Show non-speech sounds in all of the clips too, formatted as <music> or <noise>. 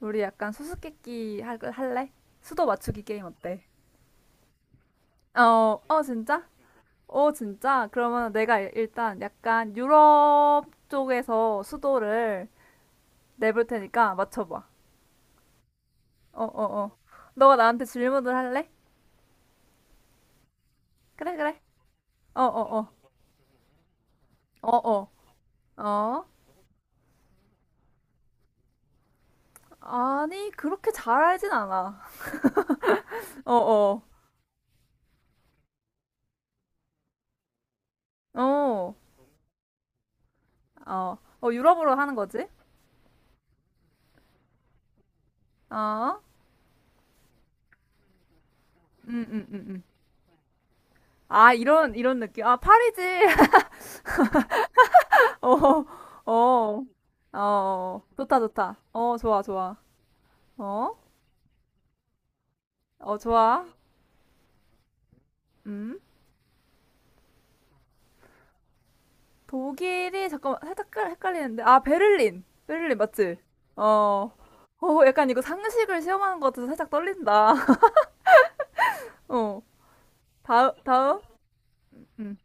우리 약간 할래? 수도 맞추기 게임 어때? 어, 어, 진짜? 어, 진짜? 그러면 내가 일단 약간 유럽 쪽에서 수도를 내볼 테니까 맞춰봐. 어, 어, 어. 너가 나한테 질문을 할래? 그래, 그래. 어, 어, 어. 어, 어. 어? 아니, 그렇게 잘 알진 않아. <laughs> 어, 어. 어, 어. 어, 유럽으로 하는 거지? 어? 음, 음, 음, 음. 아, 이런 느낌. 아, 파리지. 어, 어, 어, 어. 좋다, 좋다. 어, 좋아, 좋아. 어, 어, 좋아. 음, 독일이, 잠깐만, 살짝 헷갈리는데. 아, 베를린. 베를린, 맞지? 어, 어, 약간 이거 상식을 시험하는 것 같아서 살짝 떨린다. <laughs> 어, 다음? 음,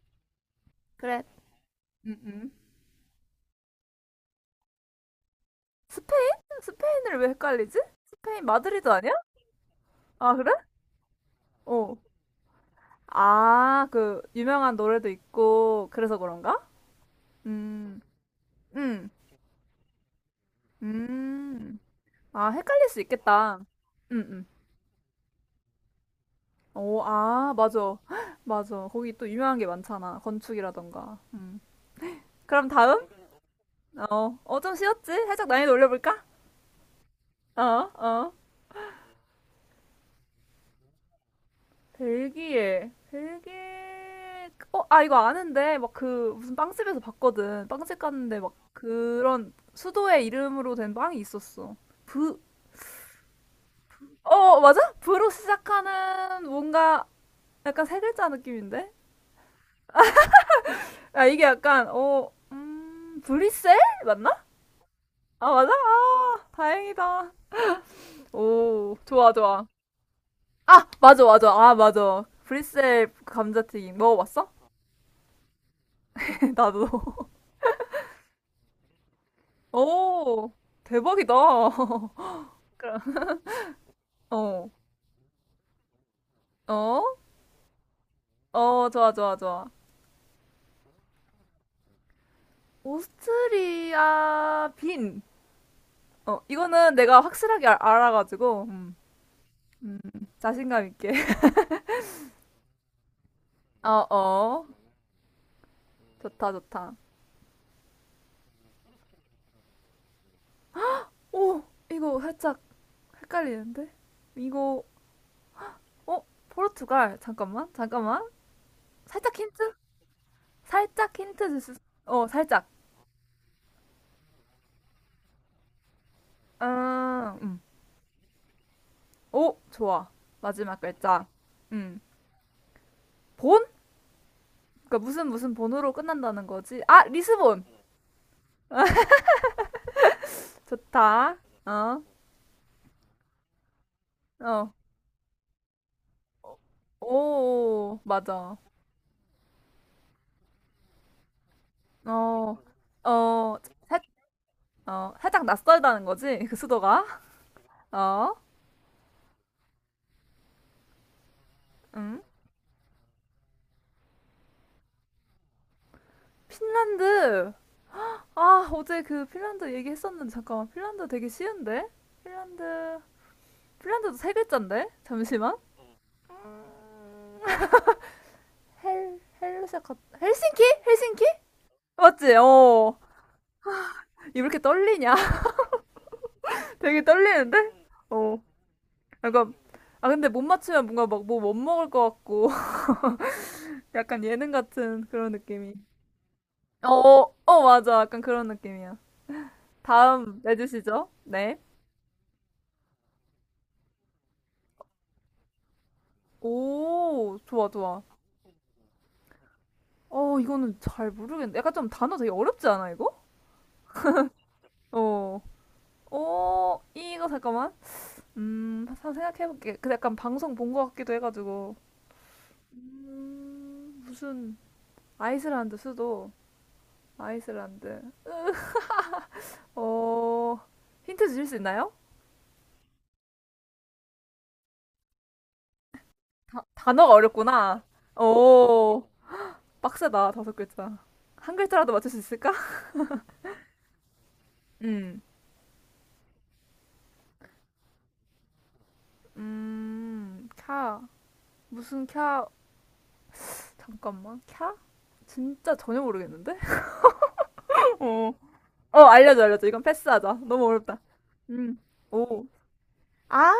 그래. 음, 음. 스페인? 스페인을 왜 헷갈리지? 스페인 마드리드 아니야? 아, 그래? 어. 아, 그, 유명한 노래도 있고, 그래서 그런가? 음, 음, 음. 아, 헷갈릴 수 있겠다. 응, 응. 오, 아, 맞아. <gasps> <laughs> 맞아. 거기 또 유명한 게 많잖아. 건축이라던가. 음. 그럼 다음? 어, 어, 좀 쉬웠지? 살짝 난이도 올려볼까? 어, 어. 벨기에. 벨기에. 어, 아, 이거 아는데. 막 그, 무슨 빵집에서 봤거든. 빵집 갔는데 막 그런 수도의 이름으로 된 빵이 있었어. 브, 어, 맞아? 브로 시작하는 뭔가 약간 세 글자 느낌인데? 야 이게 약간, 어, 브리셀? 맞나? 아, 맞아? 아, 다행이다. 오, 좋아, 좋아. 아, 맞아, 맞아. 아, 맞아. 브리셀 감자튀김 먹어봤어? <laughs> 나도. <laughs> 오, 대박이다. <laughs> 그럼, 어, 어, 어, 좋아, 좋아, 좋아. 오스트리아 빈. 어, 이거는 내가 확실하게 알아가지고, 음, 자신감 있게. <laughs> 어, 어. 좋다, 좋다. 오, 이거 살짝 헷갈리는데? 이거 어? 포르투갈 잠깐만 잠깐만 살짝 힌트? 살짝 힌트 줄 수? 어 살짝 음음오 좋아 마지막 글자 음 본? 그러니까 무슨 무슨 본으로 끝난다는 거지? 아 리스본 좋다 어어오 맞아 어어 살, 어, 살짝 낯설다는 거지 그 수도가 어음 핀란드 아, 어제 그 핀란드 얘기했었는데, 잠깐만. 핀란드 되게 쉬운데? 핀란드, 핀란드도 세 글자인데? 잠시만. 헬로 시작한, 헬싱키? 헬싱키? 맞지? 어. 이렇게 떨리냐? <laughs> 되게 떨리는데? 어. 약간, 아, 근데 못 맞추면 뭔가 막 뭐 못 먹을 것 같고, <laughs> 약간 예능 같은 그런 느낌이. 어, 어, 어, 맞아. 약간 그런 느낌이야. 다음 내주시죠. 네. 오, 좋아, 좋아. 어, 이거는 잘 모르겠는데. 약간 좀 단어 되게 어렵지 않아, 이거? 어. 어, 이거 잠깐만. 한번 생각해볼게. 근데 약간 방송 본 것 같기도 해가지고. 무슨, 아이슬란드 수도. 아이슬란드. 어, 힌트 주실 수 있나요? 단어가 어렵구나. 오, 빡세다. 다섯 글자. 한 글자라도 맞출 수 있을까? <laughs> 음, 캬. 무슨 캬. 잠깐만. 캬? 진짜 전혀 모르겠는데? <laughs> 어. 어, 알려줘, 알려줘. 이건 패스하자. 너무 어렵다. 음, 오. 아,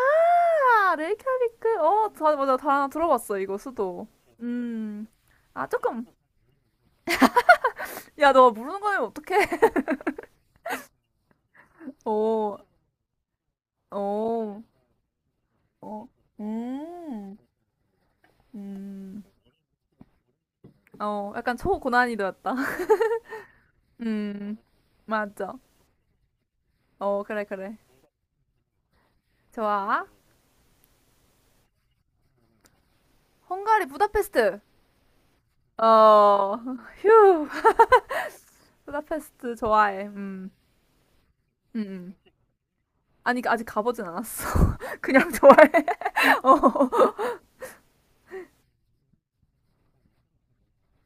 아, 레이캬비크. 어, 다, 맞아. 다 들어봤어, 이거, 수도. 음. 아, 조금. 야, 너 모르는 거면 어떡해. <laughs> 어, 어, 어. 음. 음. 어, 약간 초고난이도였다. <laughs> 음. 맞아. 어, 그래, 그래. 좋아. 헝가리 부다페스트. 어, <laughs> 휴. 부다페스트 좋아해. 음. 음. 음. 아니, 아직 가보진 않았어. <laughs> 그냥 좋아해. <laughs> 어.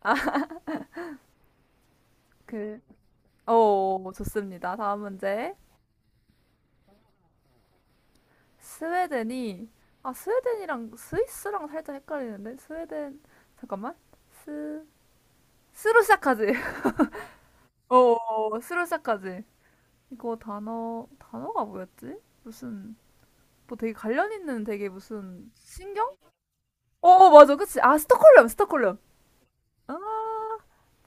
아, 그. 어, 좋습니다. 다음 문제. 스웨덴이 아 스웨덴이랑 스위스랑 살짝 헷갈리는데 스웨덴 잠깐만 스 스로 시작하지 <laughs> 어 스로 시작하지 이거 단어가 뭐였지 무슨 뭐 되게 관련 있는 되게 무슨 신경 어 어, 맞아 그치 아 스톡홀름 스톡홀름 아,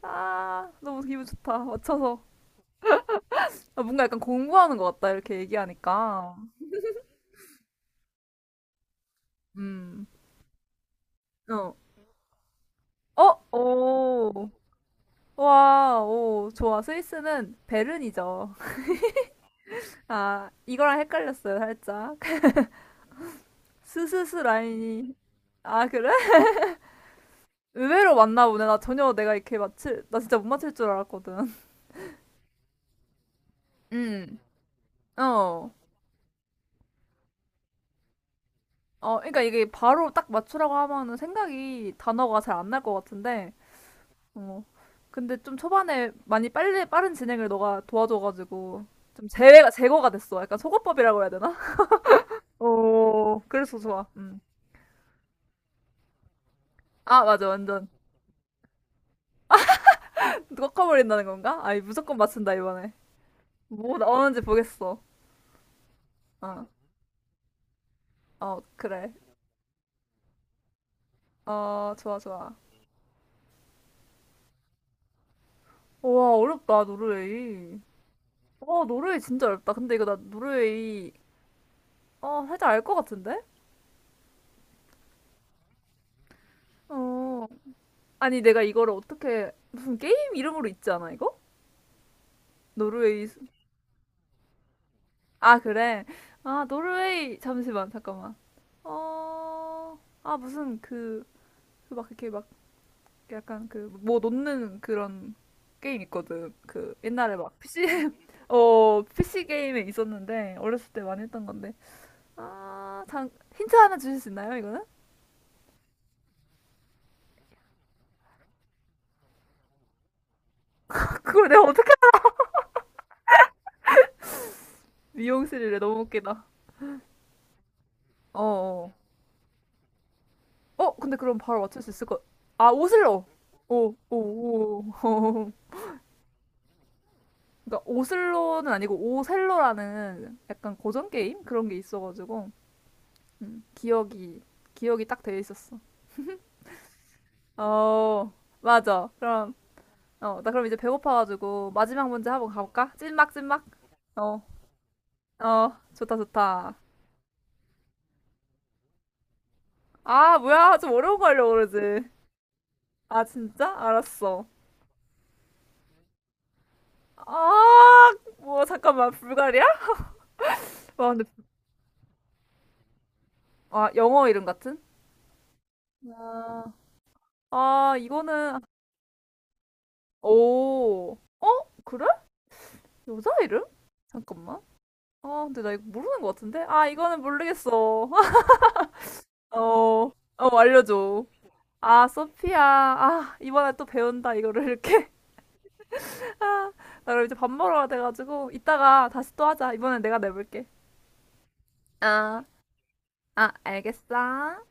아 너무 기분 좋다 맞춰서 아, 뭔가 약간 공부하는 것 같다 이렇게 얘기하니까 음어어오 와, 오, 좋아. 스위스는 베른이죠. <laughs> 아, 이거랑 헷갈렸어요, 살짝. <laughs> 스스스 라인이. 아, 그래? <laughs> 의외로 맞나 보네. 나 전혀 내가 이렇게 나 진짜 못 맞출 줄 알았거든. <laughs> 음, 어. 어, 그러니까 이게 바로 딱 맞추라고 하면은 생각이, 단어가 잘 안 날 것 같은데, 어. 근데 좀 초반에 많이 빠른 진행을 너가 도와줘가지고, 좀 제거가 됐어. 약간 소거법이라고 해야 되나? <laughs> 오, 그래서 좋아. 음. 아, 맞아. 완전. 꺾어버린다는 건가? 아니, 무조건 맞춘다, 이번에. 뭐 나오는지 보겠어. 어, 어, 그래. 어, 좋아, 좋아. 우와, 어렵다, 노르웨이. 와, 노르웨이 진짜 어렵다. 근데 이거 나 노르웨이, 어, 살짝 알 것 같은데? 어. 아니, 내가 이거를 어떻게, 무슨 게임 이름으로 있지 않아, 이거? 노르웨이. 수- 아, 그래. 아, 노르웨이. 잠시만, 잠깐만. 어, 아, 무슨 그, 그 막 이렇게 막 약간 그 뭐 놓는 그런 게임 있거든. 그 옛날에 막 PC <laughs> 어 PC 게임에 있었는데 어렸을 때 많이 했던 건데 아, 장 힌트 하나 주실 수 있나요, 이거는? <laughs> 그걸 내가 어떻게 알- 미용실이래 너무 웃기다. 어, 어. 어, 근데 그럼 바로 맞출 수 있을 것. 아, 오슬로. 오, 오, 오. <laughs> 오. 그러니까 오슬로는 아니고 오셀로라는 약간 고전 게임 그런 게 있어가지고 음, 기억이 기억이 딱 되어 있었어. 어, 맞아. 그럼 어, 나 그럼 이제 배고파가지고 마지막 문제 한번 가볼까? 찐막, 찐막? 어, 어, 좋다, 좋다. 아, 뭐야. 좀 어려운 거 하려고 그러지. 아, 진짜? 알았어. 아, 뭐, 잠깐만. 불가리아? 와, 근데, 아, 영어 이름 같은? 아, 아, 이거는, 오. 어? 그래? 여자 이름? 잠깐만. 아, 근데 나 이거 모르는 것 같은데? 아, 이거는 모르겠어. <laughs> 어, 어, 알려줘. 아, 소피아. 아, 이번에 또 배운다, 이거를 이렇게. 나 그럼 이제 밥 먹으러 가야 돼가지고 이따가 다시 또 하자. 이번엔 내가 내볼게. 아, 아, 알겠어.